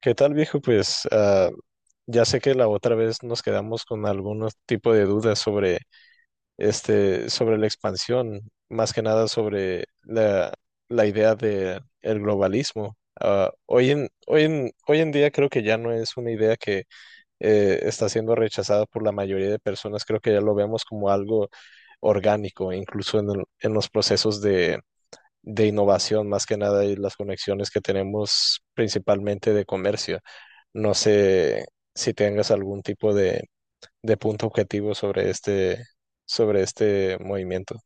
¿Qué tal, viejo? Ya sé que la otra vez nos quedamos con algún tipo de dudas sobre sobre la expansión, más que nada sobre la idea de el globalismo. Hoy en día creo que ya no es una idea que está siendo rechazada por la mayoría de personas. Creo que ya lo vemos como algo orgánico, incluso en los procesos de innovación, más que nada, y las conexiones que tenemos principalmente de comercio. No sé si tengas algún tipo de punto objetivo sobre sobre este movimiento.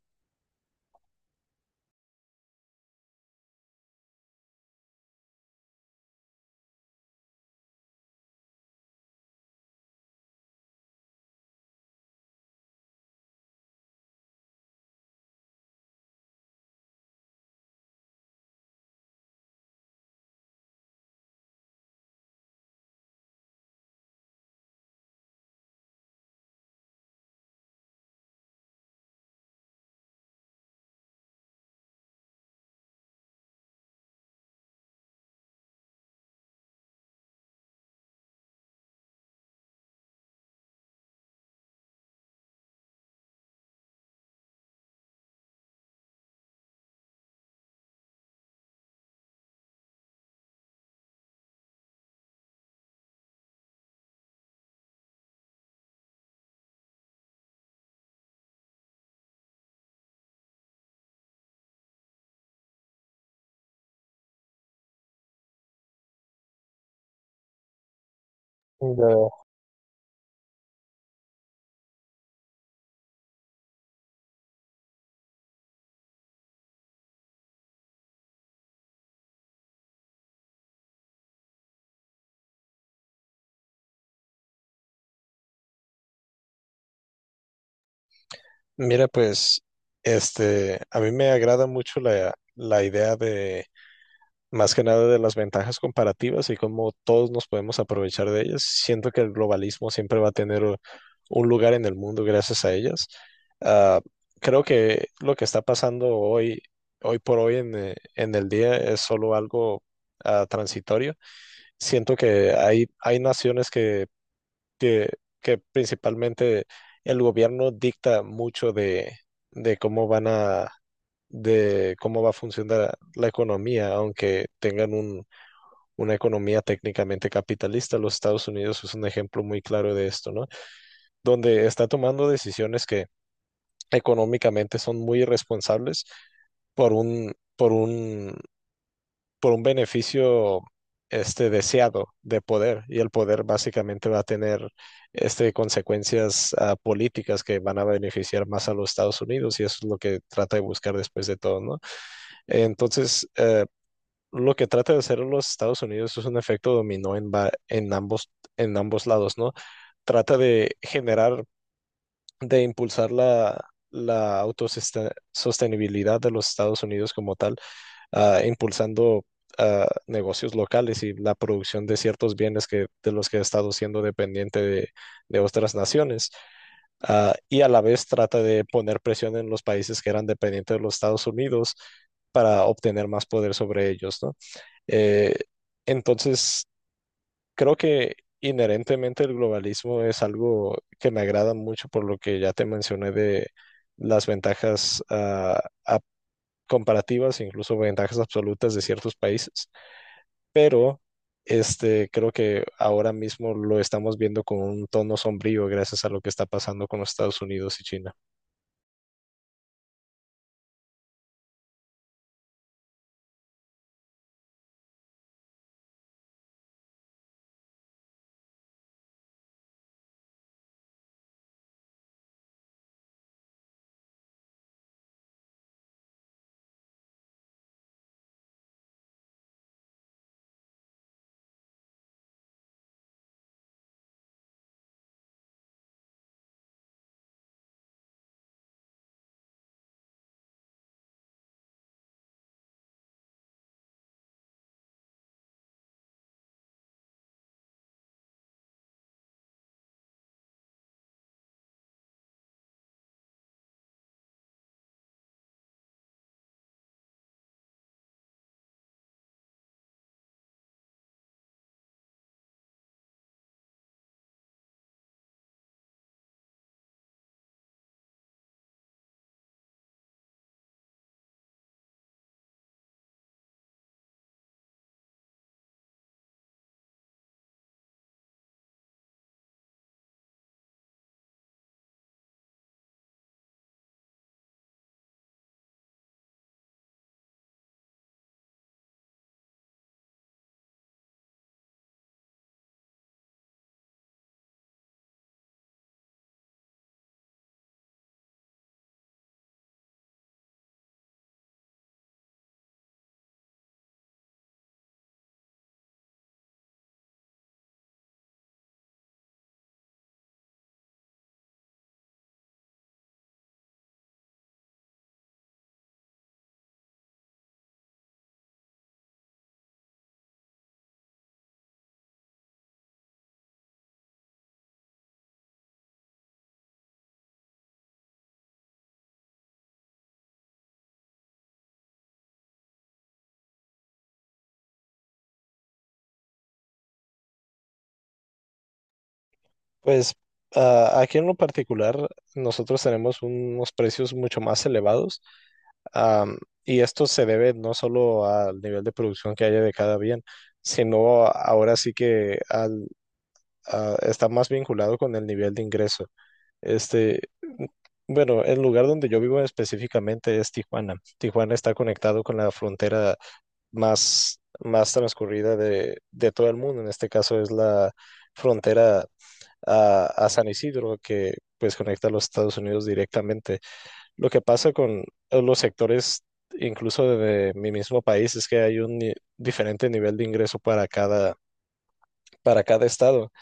Ya. Mira, pues, a mí me agrada mucho la idea de más que nada de las ventajas comparativas y cómo todos nos podemos aprovechar de ellas. Siento que el globalismo siempre va a tener un lugar en el mundo gracias a ellas. Ah, Creo que lo que está pasando hoy por hoy en el día es solo algo transitorio. Siento que hay naciones que, que principalmente el gobierno dicta mucho de cómo van a de cómo va a funcionar la economía, aunque tengan una economía técnicamente capitalista. Los Estados Unidos es un ejemplo muy claro de esto, ¿no? Donde está tomando decisiones que económicamente son muy irresponsables por un, por un, por un beneficio deseado de poder, y el poder básicamente va a tener consecuencias políticas que van a beneficiar más a los Estados Unidos, y eso es lo que trata de buscar después de todo, ¿no? Entonces, lo que trata de hacer los Estados Unidos es un efecto dominó en ambos lados, ¿no? Trata de generar, de impulsar la autosostenibilidad de los Estados Unidos como tal, impulsando negocios locales y la producción de ciertos bienes, que, de los que ha estado siendo dependiente de otras naciones. Ah, y a la vez trata de poner presión en los países que eran dependientes de los Estados Unidos para obtener más poder sobre ellos, ¿no? Eh, entonces, creo que inherentemente el globalismo es algo que me agrada mucho por lo que ya te mencioné de las ventajas comparativas, incluso ventajas absolutas de ciertos países, pero creo que ahora mismo lo estamos viendo con un tono sombrío gracias a lo que está pasando con los Estados Unidos y China. Pues Aquí en lo particular, nosotros tenemos unos precios mucho más elevados. Am, y esto se debe no solo al nivel de producción que haya de cada bien, sino ahora sí que está más vinculado con el nivel de ingreso. Este, bueno, el lugar donde yo vivo específicamente es Tijuana. Tijuana está conectado con la frontera más transcurrida de todo el mundo. En este caso es la frontera a San Isidro, que pues conecta a los Estados Unidos directamente. Lo que pasa con los sectores, incluso de mi mismo país, es que hay un ni- diferente nivel de ingreso para para cada estado.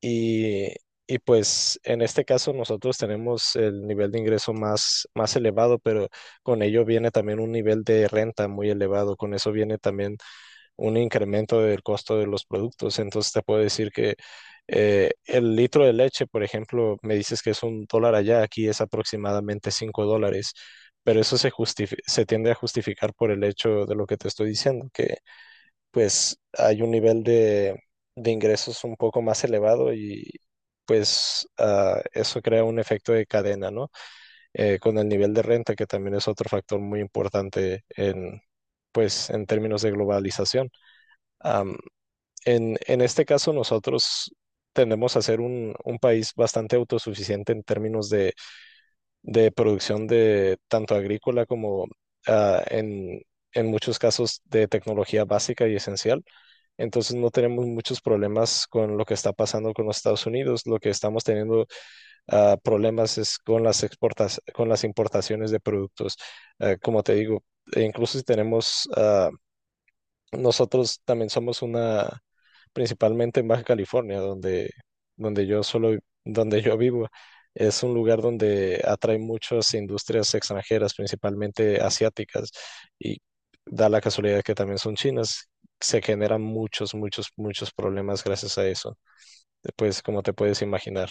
Y, y pues en este caso nosotros tenemos el nivel de ingreso más elevado, pero con ello viene también un nivel de renta muy elevado. Con eso viene también un incremento del costo de los productos. Entonces te puedo decir que el litro de leche, por ejemplo, me dices que es $1 allá, aquí es aproximadamente $5, pero eso se tiende a justificar por el hecho de lo que te estoy diciendo, que pues hay un nivel de ingresos un poco más elevado y pues eso crea un efecto de cadena, ¿no? Con el nivel de renta, que también es otro factor muy importante en, pues, en términos de globalización. Am, en este caso, nosotros tendemos a ser un país bastante autosuficiente en términos de producción de tanto agrícola como ah, en, en muchos casos de tecnología básica y esencial. Entonces no tenemos muchos problemas con lo que está pasando con los Estados Unidos. Lo que estamos teniendo problemas es con las exportas, con las importaciones de productos. Como te digo, e incluso si tenemos, nosotros también somos una, principalmente en Baja California, donde yo solo, donde yo vivo. Es un lugar donde atrae muchas industrias extranjeras, principalmente asiáticas, y da la casualidad que también son chinas. Se generan muchos problemas gracias a eso, pues, como te puedes imaginar.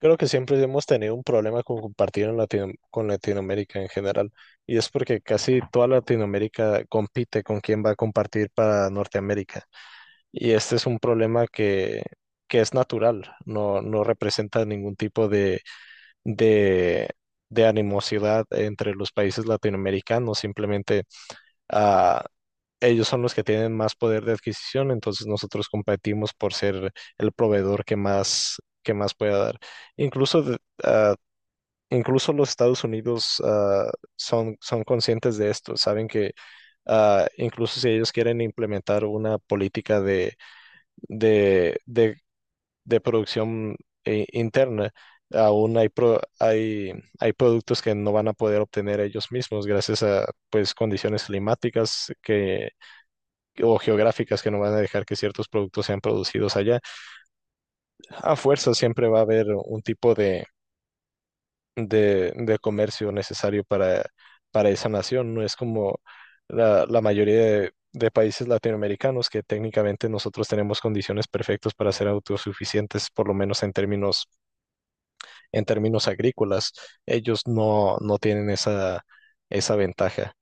Creo que siempre hemos tenido un problema con compartir en con Latinoamérica en general, y es porque casi toda Latinoamérica compite con quién va a compartir para Norteamérica. Y este es un problema que es natural, no, no representa ningún tipo de, de animosidad entre los países latinoamericanos. Simplemente ah, ellos son los que tienen más poder de adquisición, entonces nosotros competimos por ser el proveedor que más pueda dar. Incluso, de- ah, Incluso los Estados Unidos son, son conscientes de esto. Saben que incluso si ellos quieren implementar una política de, de de producción interna, hay, hay productos que no van a poder obtener ellos mismos gracias a, pues, condiciones climáticas o geográficas que no van a dejar que ciertos productos sean producidos allá. A fuerza siempre va a haber un tipo de comercio necesario para esa nación. No es como la mayoría de países latinoamericanos, que técnicamente nosotros tenemos condiciones perfectas para ser autosuficientes, por lo menos en términos agrícolas. Ellos no, no tienen esa, esa ventaja.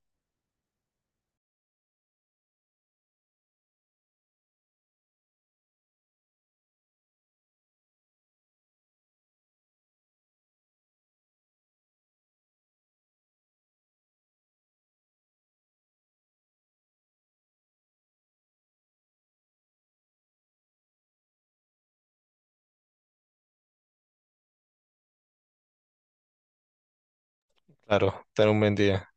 Claro, ten un buen día.